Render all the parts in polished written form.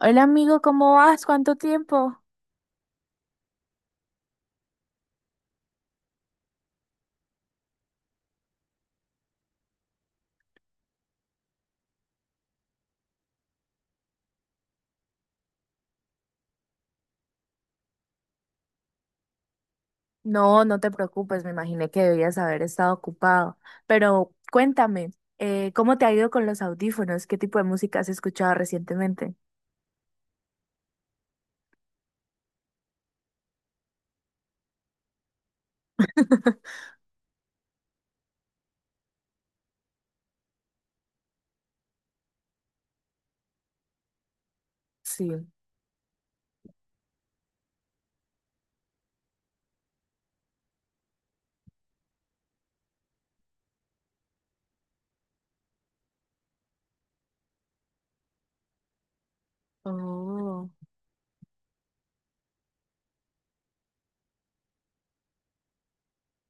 Hola amigo, ¿cómo vas? ¿Cuánto tiempo? No, no te preocupes, me imaginé que debías haber estado ocupado. Pero cuéntame, ¿cómo te ha ido con los audífonos? ¿Qué tipo de música has escuchado recientemente? Sí. Oh.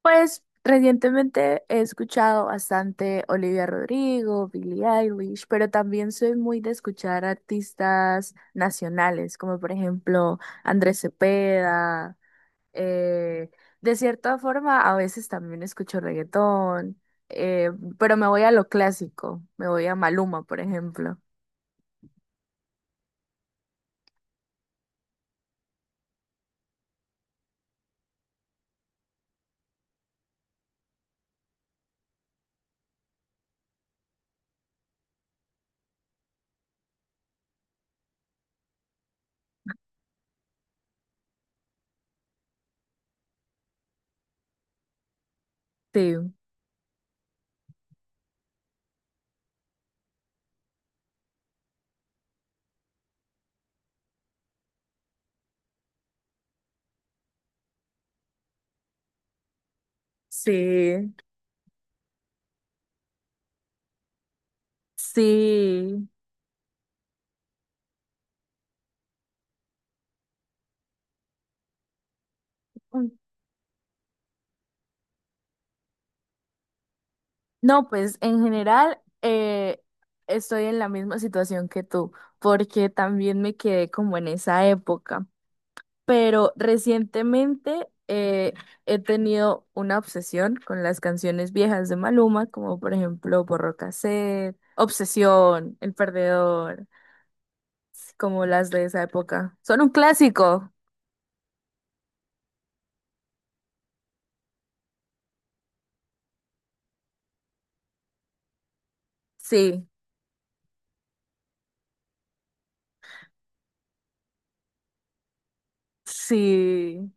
Pues recientemente he escuchado bastante Olivia Rodrigo, Billie Eilish, pero también soy muy de escuchar artistas nacionales, como por ejemplo Andrés Cepeda. Eh, de cierta forma, a veces también escucho reggaetón, eh, pero me voy a lo clásico, me voy a Maluma, por ejemplo. Sí, sí, sí. Mm. No, pues en general, estoy en la misma situación que tú, porque también me quedé como en esa época. Pero recientemente, he tenido una obsesión con las canciones viejas de Maluma, como por ejemplo Porro Cassette, Obsesión, El Perdedor, como las de esa época. Son un clásico, sí, sí.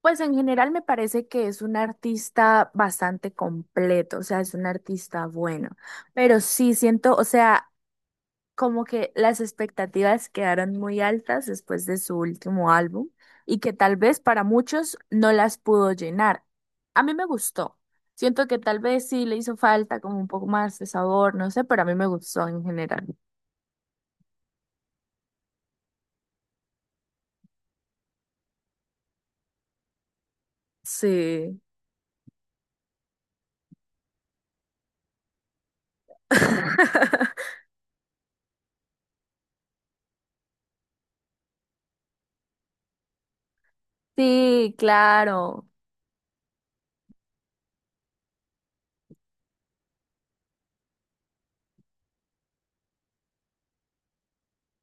Pues en general me parece que es un artista bastante completo, o sea, es un artista bueno, pero sí siento, o sea, como que las expectativas quedaron muy altas después de su último álbum y que tal vez para muchos no las pudo llenar. A mí me gustó. Siento que tal vez sí le hizo falta como un poco más de sabor, no sé, pero a mí me gustó en general. Sí. Sí, claro.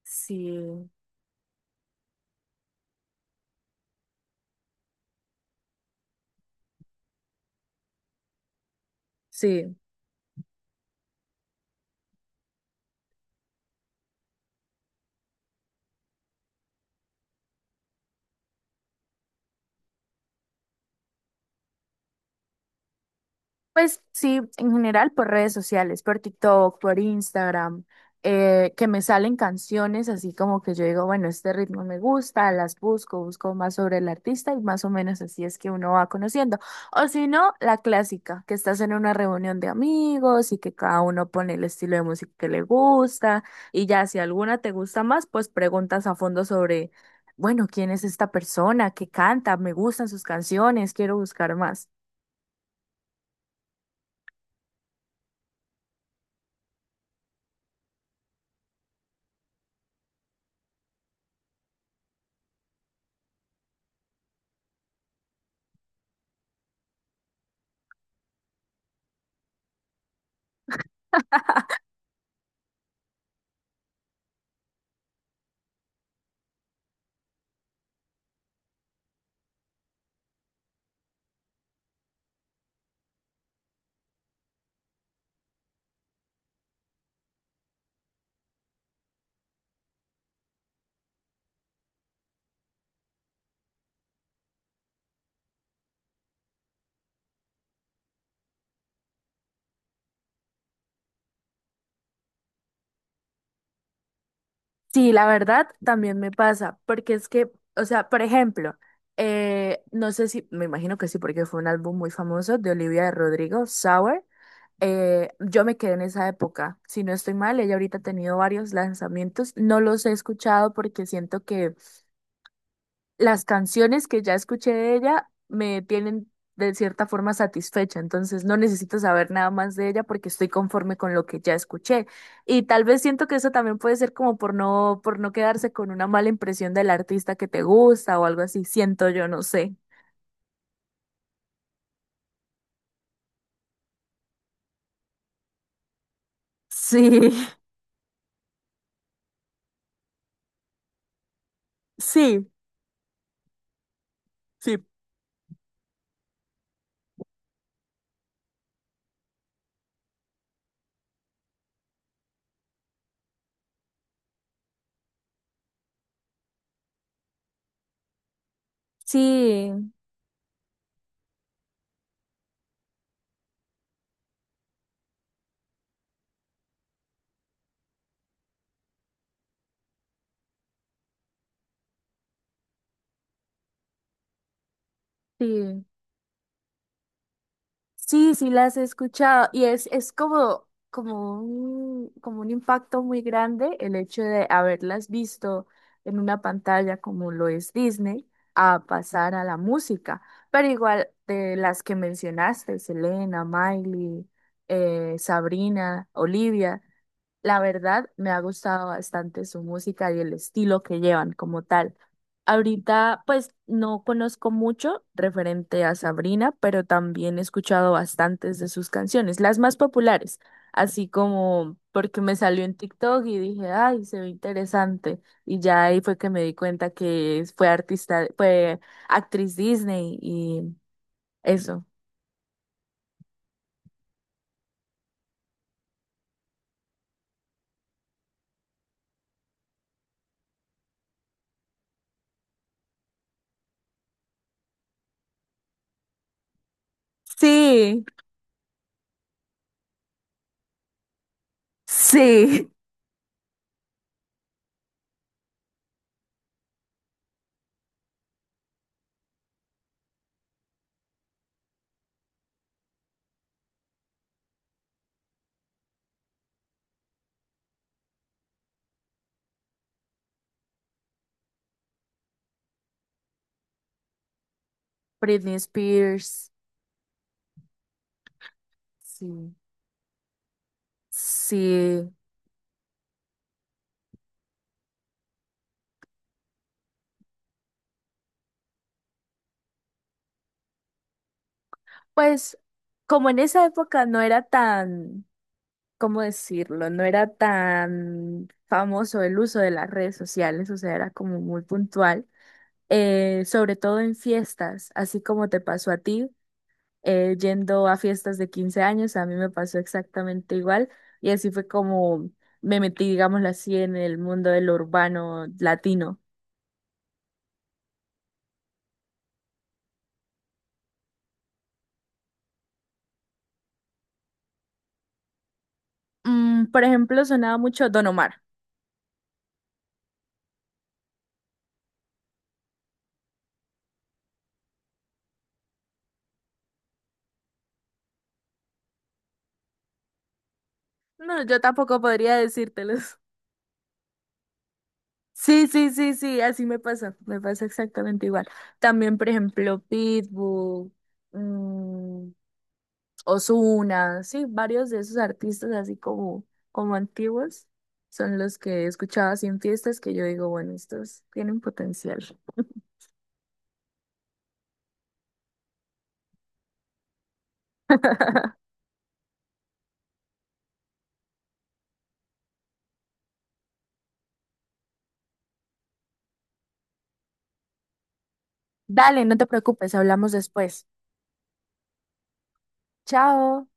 Sí, sí. Pues sí, en general por redes sociales, por TikTok, por Instagram, que me salen canciones así como que yo digo, bueno, este ritmo me gusta, las busco, busco más sobre el artista y más o menos así es que uno va conociendo. O si no, la clásica, que estás en una reunión de amigos y que cada uno pone el estilo de música que le gusta y ya si alguna te gusta más, pues preguntas a fondo sobre, bueno, ¿quién es esta persona? ¿Qué canta? ¿Me gustan sus canciones? Quiero buscar más. Sí, la verdad también me pasa, porque es que, o sea, por ejemplo, no sé si, me imagino que sí, porque fue un álbum muy famoso de Olivia de Rodrigo, Sour. Eh, yo me quedé en esa época, si no estoy mal, ella ahorita ha tenido varios lanzamientos, no los he escuchado porque siento que las canciones que ya escuché de ella me tienen de cierta forma satisfecha, entonces no necesito saber nada más de ella porque estoy conforme con lo que ya escuché. Y tal vez siento que eso también puede ser como por no, quedarse con una mala impresión del artista que te gusta o algo así, siento yo, no sé. Sí, sí, sí, sí, sí. Sí, sí las he escuchado y es como, como un impacto muy grande el hecho de haberlas visto en una pantalla como lo es Disney a pasar a la música. Pero igual de las que mencionaste, Selena, Miley, Sabrina, Olivia. La verdad, me ha gustado bastante su música y el estilo que llevan como tal. Ahorita, pues, no conozco mucho referente a Sabrina, pero también he escuchado bastantes de sus canciones, las más populares, así como porque me salió en TikTok y dije, ay, se ve interesante. Y ya ahí fue que me di cuenta que fue artista, fue actriz Disney y eso. Sí, sí. Britney Spears, sí, sí. Pues como en esa época no era tan, ¿cómo decirlo? No era tan famoso el uso de las redes sociales, o sea, era como muy puntual, sobre todo en fiestas, así como te pasó a ti, yendo a fiestas de 15 años, a mí me pasó exactamente igual y así fue como me metí, digámoslo así, en el mundo del urbano latino. Mm, por ejemplo, sonaba mucho Don Omar. No, yo tampoco podría decírtelo. Sí, sí, sí, sí, así me pasa exactamente igual. También, por ejemplo, Pitbull, mm, Ozuna, sí, varios de esos artistas así como, como antiguos son los que escuchaba así en fiestas que yo digo, bueno, estos tienen potencial. Dale, no te preocupes, hablamos después. Chao.